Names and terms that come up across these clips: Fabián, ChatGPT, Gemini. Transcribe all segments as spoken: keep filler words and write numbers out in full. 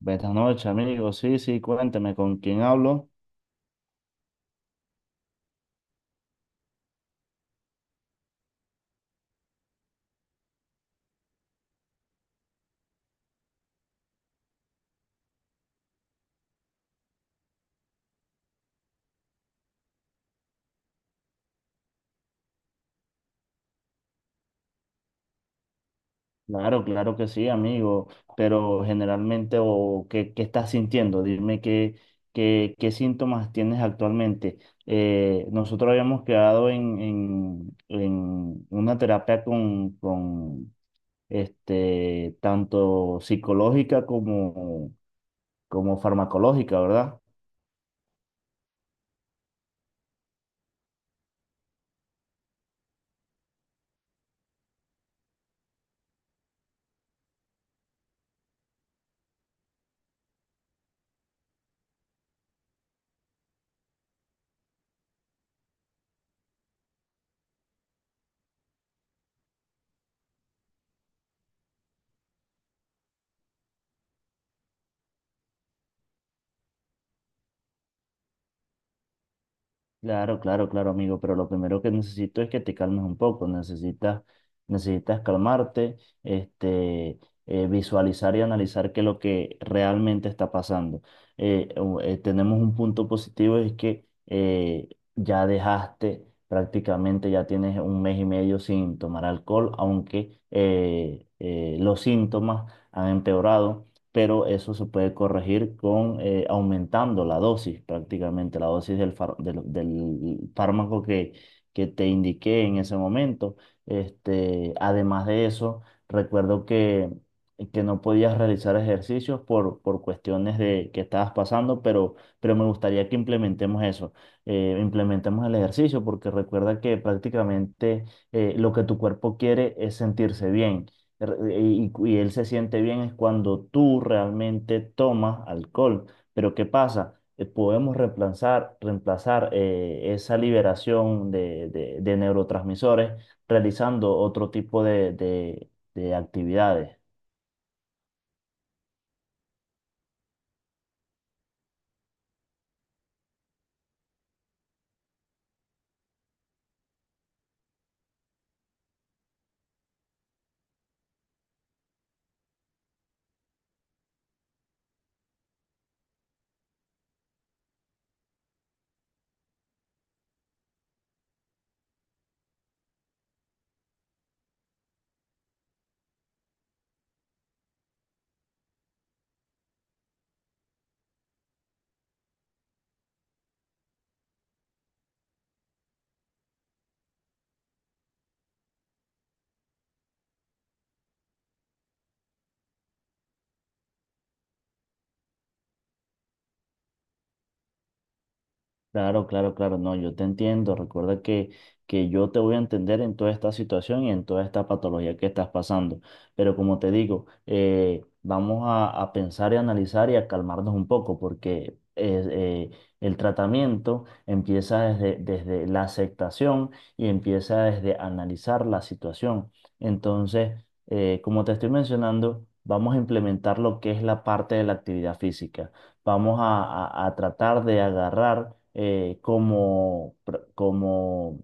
Buenas noches, amigo. Sí, sí, cuénteme con quién hablo. Claro, claro que sí, amigo. Pero generalmente, o ¿qué, qué estás sintiendo? Dime qué, qué, qué síntomas tienes actualmente. Eh, nosotros habíamos quedado en, en, en una terapia con, con este, tanto psicológica como, como farmacológica, ¿verdad? Claro, claro, claro, amigo, pero lo primero que necesito es que te calmes un poco, necesitas, necesitas calmarte, este, eh, visualizar y analizar qué es lo que realmente está pasando. Eh, u- eh, tenemos un punto positivo, es que eh, ya dejaste prácticamente, ya tienes un mes y medio sin tomar alcohol, aunque eh, eh, los síntomas han empeorado, pero eso se puede corregir con eh, aumentando la dosis, prácticamente la dosis del, far- del- del fármaco que, que te indiqué en ese momento. Este, además de eso, recuerdo que, que no podías realizar ejercicios por, por cuestiones de que estabas pasando, pero, pero me gustaría que implementemos eso, eh, implementemos el ejercicio, porque recuerda que prácticamente eh, lo que tu cuerpo quiere es sentirse bien re- y, y él se siente bien es cuando tú realmente tomas alcohol. Pero ¿qué pasa? Eh, podemos reemplazar, reemplazar eh, esa liberación de, de- de neurotransmisores realizando otro tipo de, de de actividades. Claro, claro, claro, no, yo te entiendo. Recuerda que, que yo te voy a entender en toda esta situación y en toda esta patología que estás pasando. Pero como te digo, eh, vamos a, a pensar y analizar y a calmarnos un poco porque es, eh, el tratamiento empieza desde, desde la aceptación y empieza desde analizar la situación. Entonces, eh, como te estoy mencionando, vamos a implementar lo que es la parte de la actividad física, vamos a, a- a tratar de agarrar eh, como, pr- como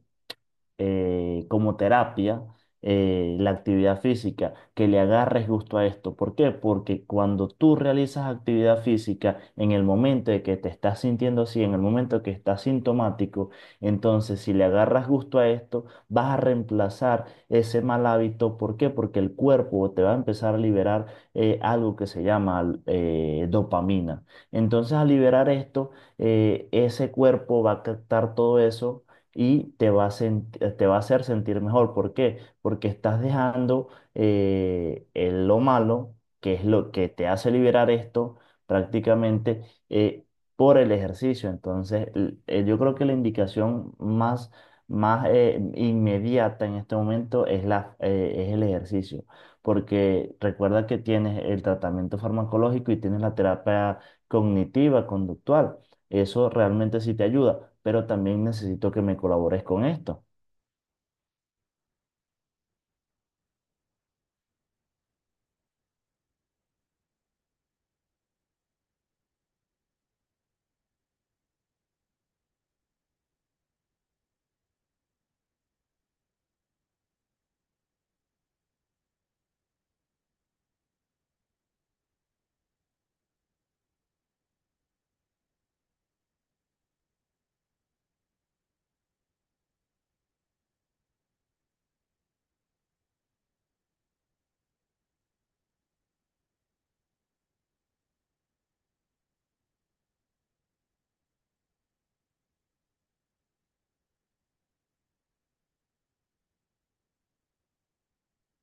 eh, como terapia eh, la actividad física, que le agarres gusto a esto. ¿Por qué? Porque cuando tú realizas actividad física en el momento de que te estás sintiendo así, en el momento que estás sintomático, entonces si le agarras gusto a esto, vas a reemplazar ese mal hábito. ¿Por qué? Porque el cuerpo te va a empezar a liberar eh, algo que se llama eh, dopamina. Entonces al liberar esto, eh, ese cuerpo va a captar todo eso y te va a sent- eh, te va a hacer sentir mejor. ¿Por qué? Porque estás dejando eh, el- lo malo, que es lo que te hace liberar esto, prácticamente eh, por el ejercicio. Entonces, l- eh, yo creo que la indicación más, más eh, inmediata en este momento es, la, eh, es el ejercicio. Porque recuerda que tienes el tratamiento farmacológico y tienes la terapia cognitiva, conductual. Eso realmente sí te ayuda, pero también necesito que me colabores con esto.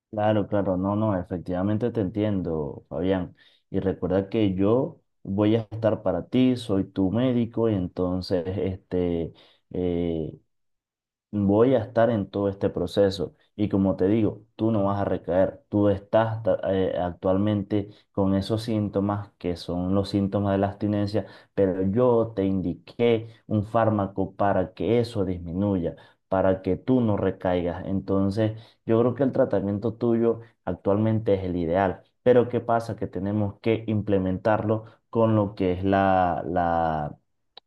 Claro, claro, no, no, efectivamente te entiendo, Fabián. Y recuerda que yo voy a estar para ti, soy tu médico, y entonces, este, eh, voy a estar en todo este proceso. Y como te digo, tú no vas a recaer. Tú estás ta- eh, actualmente con esos síntomas que son los síntomas de la abstinencia, pero yo te indiqué un fármaco para que eso disminuya, para que tú no recaigas. Entonces, yo creo que el tratamiento tuyo actualmente es el ideal. Pero ¿qué pasa? Que tenemos que implementarlo con lo que es la,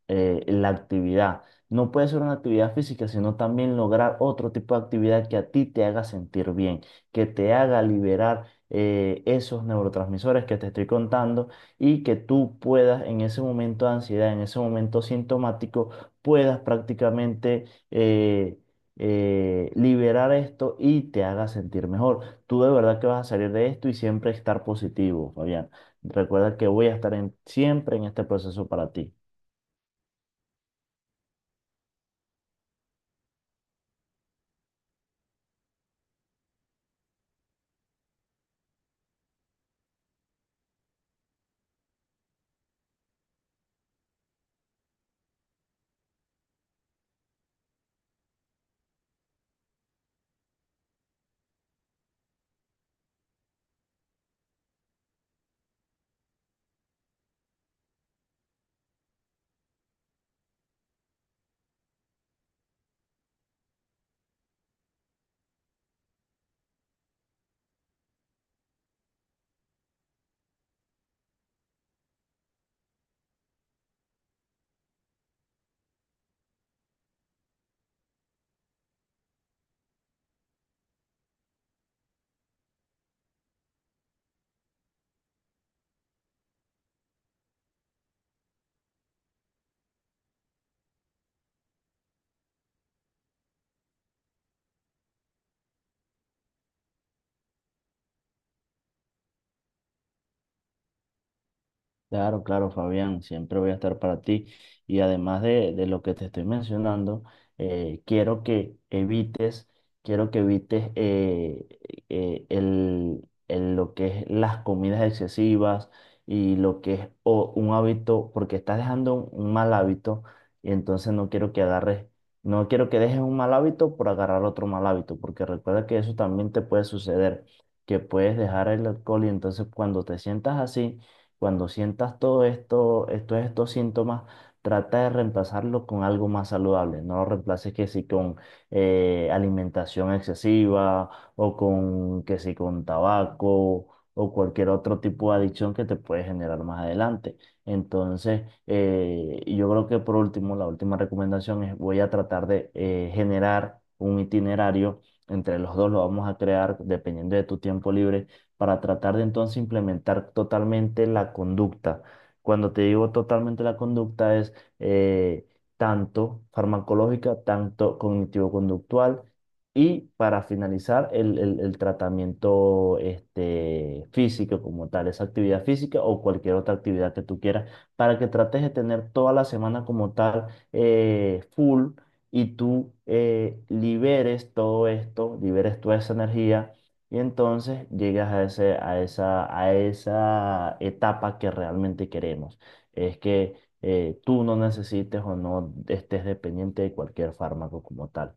eh, la actividad. No puede ser una actividad física, sino también lograr otro tipo de actividad que a ti te haga sentir bien, que te haga liberar eh, esos neurotransmisores que te estoy contando y que tú puedas en ese momento de ansiedad, en ese momento sintomático, puedas prácticamente eh, eh, liberar esto y te haga sentir mejor. Tú de verdad que vas a salir de esto y siempre estar positivo, Fabián. Recuerda que voy a estar en- siempre en este proceso para ti. Claro, claro, Fabián, siempre voy a estar para ti. Y además de, de lo que te estoy mencionando, eh, quiero que evites, quiero que evites eh, eh, el, el- lo que es las comidas excesivas y lo que es o- un hábito, porque estás dejando un, un mal hábito y entonces no quiero que agarres, no quiero que dejes un mal hábito por agarrar otro mal hábito, porque recuerda que eso también te puede suceder, que puedes dejar el alcohol y entonces cuando te sientas así, cuando sientas todo esto, estos, estos síntomas, trata de reemplazarlo con algo más saludable. No lo reemplaces que si con eh, alimentación excesiva o con que si con tabaco o cualquier otro tipo de adicción que te puede generar más adelante. Entonces, eh, yo creo que por último, la última recomendación es voy a tratar de eh, generar un itinerario. Entre los dos lo vamos a crear dependiendo de tu tiempo libre para tratar de entonces implementar totalmente la conducta. Cuando te digo totalmente la conducta es eh, tanto farmacológica, tanto cognitivo-conductual y para finalizar el, el- el tratamiento, este, físico como tal, esa actividad física o cualquier otra actividad que tú quieras, para que trates de tener toda la semana como tal, eh, full, y tú eh, liberes todo esto, liberes toda esa energía y entonces llegas a ese, a esa, a esa etapa que realmente queremos. Es que eh, tú no necesites o no estés dependiente de cualquier fármaco como tal.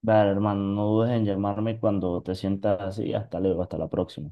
Vale, hermano, no dudes en llamarme cuando te sientas así. Hasta luego, hasta la próxima.